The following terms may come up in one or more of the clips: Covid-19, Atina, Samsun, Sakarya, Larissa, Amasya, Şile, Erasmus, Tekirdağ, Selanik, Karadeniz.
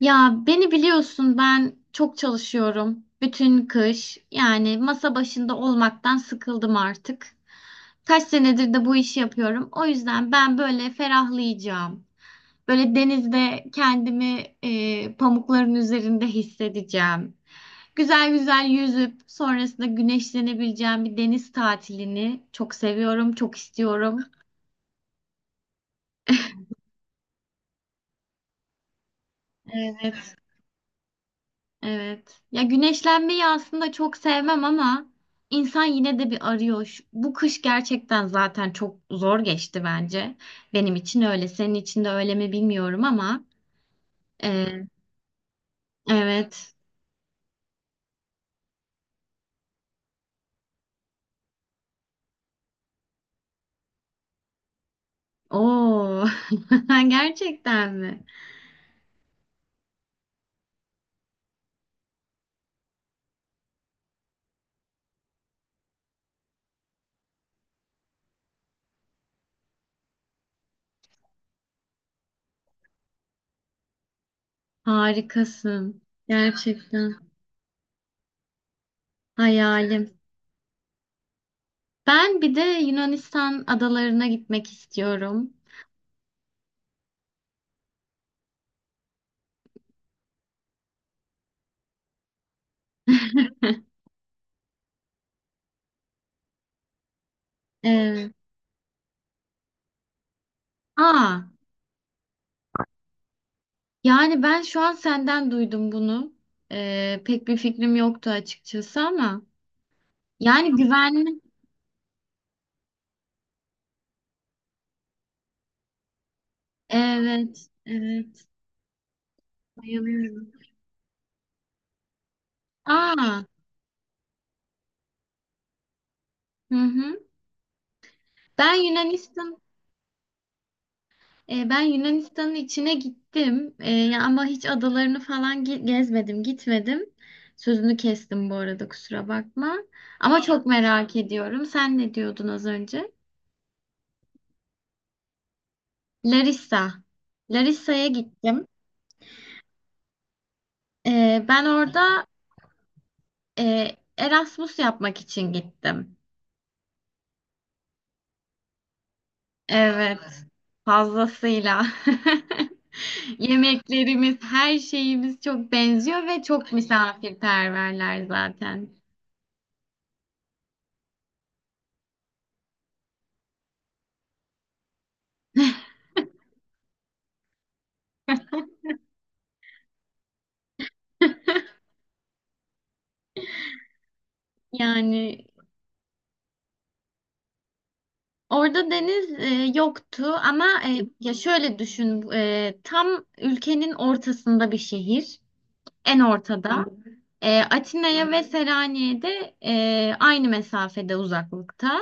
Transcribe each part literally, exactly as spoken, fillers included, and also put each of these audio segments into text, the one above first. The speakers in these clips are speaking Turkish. Ya beni biliyorsun ben çok çalışıyorum. Bütün kış yani masa başında olmaktan sıkıldım artık. Kaç senedir de bu işi yapıyorum. O yüzden ben böyle ferahlayacağım. Böyle denizde kendimi e, pamukların üzerinde hissedeceğim. Güzel güzel yüzüp sonrasında güneşlenebileceğim bir deniz tatilini çok seviyorum, çok istiyorum. Evet. Evet. Ya güneşlenmeyi aslında çok sevmem ama insan yine de bir arıyor. Şu- Bu kış gerçekten zaten çok zor geçti bence. Benim için öyle. Senin için de öyle mi bilmiyorum ama. e, evet. Oo. Gerçekten mi? Harikasın. Gerçekten. Hayalim. Ben bir de Yunanistan adalarına gitmek istiyorum. Evet. Aa. Yani ben şu an senden duydum bunu. Ee, pek bir fikrim yoktu açıkçası ama. Yani güvenli. Evet, evet. Bayılıyorum. Aa, hı hı. Ben Yunanistan, e, Ben Yunanistan'ın içine gittim. E, ya ama hiç adalarını falan ge- gezmedim, gitmedim. Sözünü kestim bu arada kusura bakma. Ama çok merak ediyorum. Sen ne diyordun az önce? Larissa. Larissa'ya gittim. Ee, ben orada Ee, Erasmus yapmak için gittim. Evet, fazlasıyla. Yemeklerimiz, her şeyimiz çok benziyor ve çok misafirperverler zaten. Yani orada deniz e, yoktu ama e, ya şöyle düşün e, tam ülkenin ortasında bir şehir en ortada. E, Atina'ya ve Selanik'e de e, aynı mesafede uzaklıkta.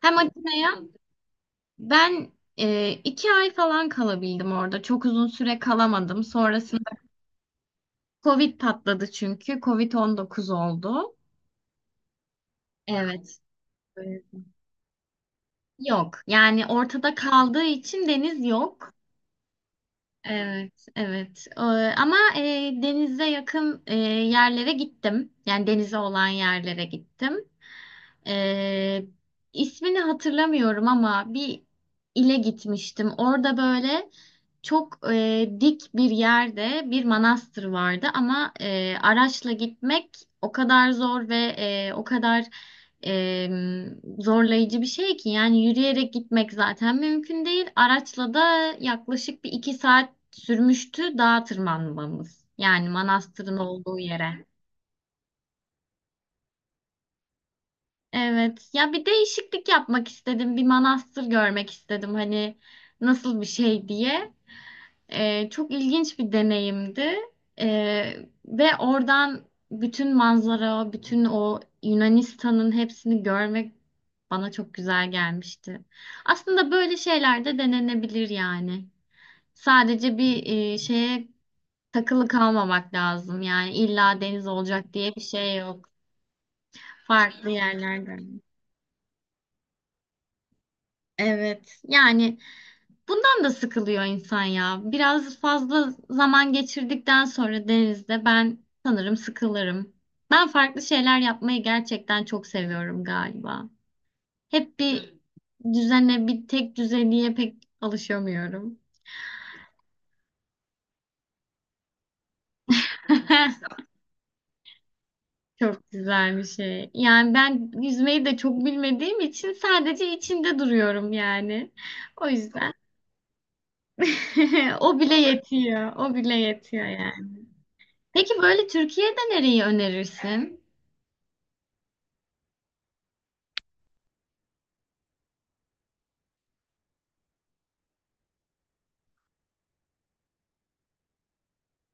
Hem Atina'ya Ben e, iki ay falan kalabildim orada. Çok uzun süre kalamadım. Sonrasında Covid patladı çünkü. kovid on dokuz oldu. Evet. Evet. Yok. Yani ortada kaldığı için deniz yok. Evet, evet. Ee, ama e, denize yakın e, yerlere gittim. Yani denize olan yerlere gittim. Ee, ismini hatırlamıyorum ama bir ile gitmiştim. Orada böyle çok e, dik bir yerde bir manastır vardı ama e, araçla gitmek o kadar zor ve e, o kadar e, zorlayıcı bir şey ki yani yürüyerek gitmek zaten mümkün değil. Araçla da yaklaşık bir iki saat sürmüştü dağa tırmanmamız. Yani manastırın olduğu yere. Evet. Ya bir değişiklik yapmak istedim. Bir manastır görmek istedim. Hani nasıl bir şey diye. Ee, çok ilginç bir deneyimdi. Ee, Ve oradan bütün manzara, bütün o Yunanistan'ın hepsini görmek bana çok güzel gelmişti. Aslında böyle şeyler de denenebilir yani. Sadece bir e, şeye takılı kalmamak lazım. Yani illa deniz olacak diye bir şey yok. Farklı yerlerden. Evet. Yani bundan da sıkılıyor insan ya. Biraz fazla zaman geçirdikten sonra denizde ben sanırım sıkılırım. Ben farklı şeyler yapmayı gerçekten çok seviyorum galiba. Hep bir düzene, bir tek düzeliğe pek alışamıyorum. Çok güzel bir şey. Yani ben yüzmeyi de çok bilmediğim için sadece içinde duruyorum yani. O yüzden o bile yetiyor. O bile yetiyor yani. Peki böyle Türkiye'de nereyi önerirsin?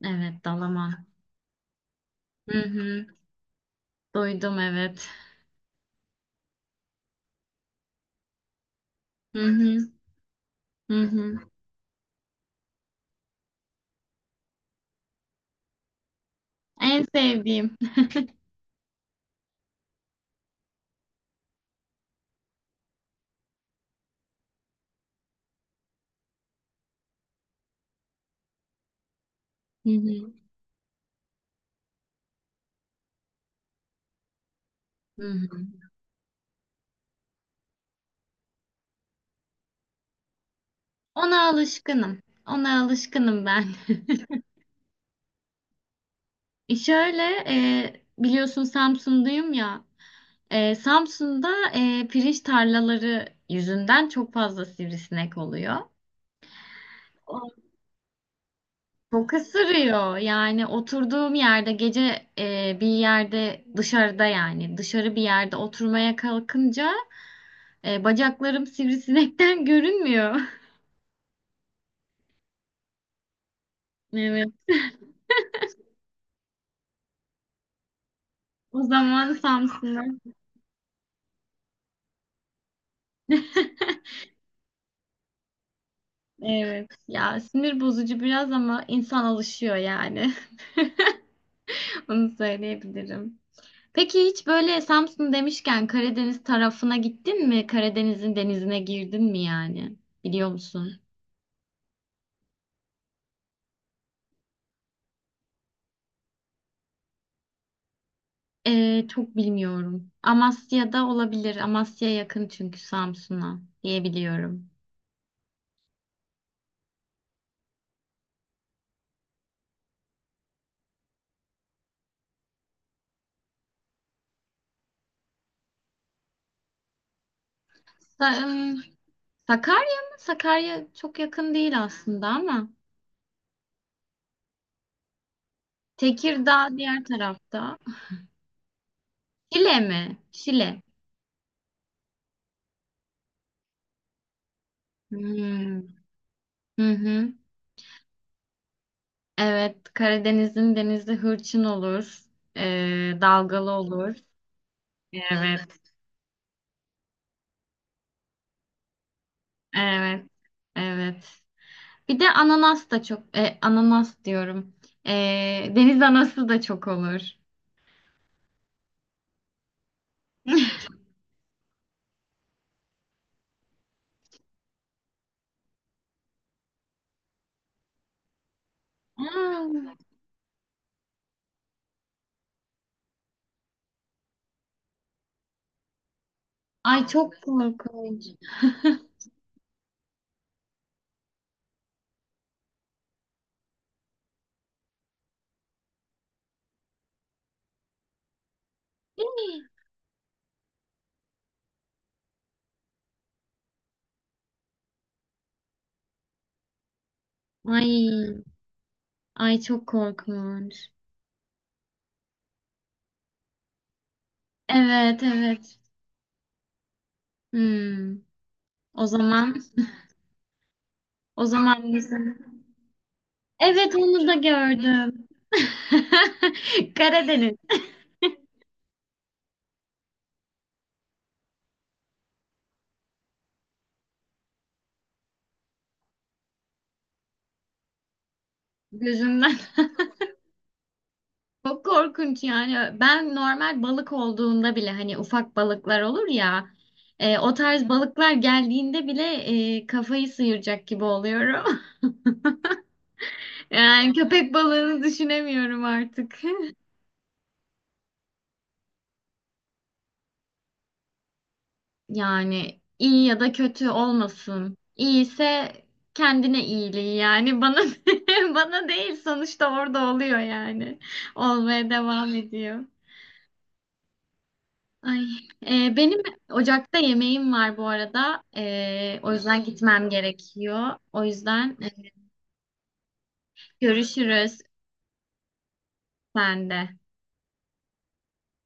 Evet, dalaman. Hı hı. Duydum evet. Hı hı. Hı hı. En sevdiğim. Hı hı. Hı hı. Ona alışkınım. Ona alışkınım ben. E Şöyle e, biliyorsun Samsun'dayım ya. E, Samsun'da e, pirinç tarlaları yüzünden çok fazla sivrisinek oluyor. O Çok ısırıyor. Yani oturduğum yerde gece e, bir yerde dışarıda yani dışarı bir yerde oturmaya kalkınca E, bacaklarım sivrisinekten görünmüyor. Evet. O zaman Samsun'a. Evet. Ya sinir bozucu biraz ama insan alışıyor yani. Onu söyleyebilirim. Peki hiç böyle Samsun demişken Karadeniz tarafına gittin mi? Karadeniz'in denizine girdin mi yani? Biliyor musun? Ee, çok bilmiyorum. Amasya'da olabilir. Amasya yakın çünkü Samsun'a diyebiliyorum. Sa- ım, Sakarya mı? Sakarya çok yakın değil aslında ama. Tekirdağ diğer tarafta. Şile mi? Şile. Hmm. Hı hı. Evet, Karadeniz'in denizi hırçın olur. Ee, dalgalı olur. Evet, evet, evet. Bir de ananas da çok, e, ananas diyorum. Ee, deniz anası da çok olur. Aa, ay çok korkunç. Ay, ay çok korkunç. Evet, evet. Hmm. O zaman O zaman bizim. Evet onu da gördüm. Karadeniz gözümden. Çok korkunç yani. Ben normal balık olduğunda bile hani ufak balıklar olur ya. E, o tarz balıklar geldiğinde bile e, kafayı sıyıracak gibi oluyorum. Yani köpek balığını düşünemiyorum artık. Yani iyi ya da kötü olmasın. İyiyse kendine iyiliği yani bana bana değil sonuçta orada oluyor yani. Olmaya devam ediyor. Ay, e, benim ocakta yemeğim var bu arada. E, o yüzden gitmem gerekiyor. O yüzden e, görüşürüz sen de.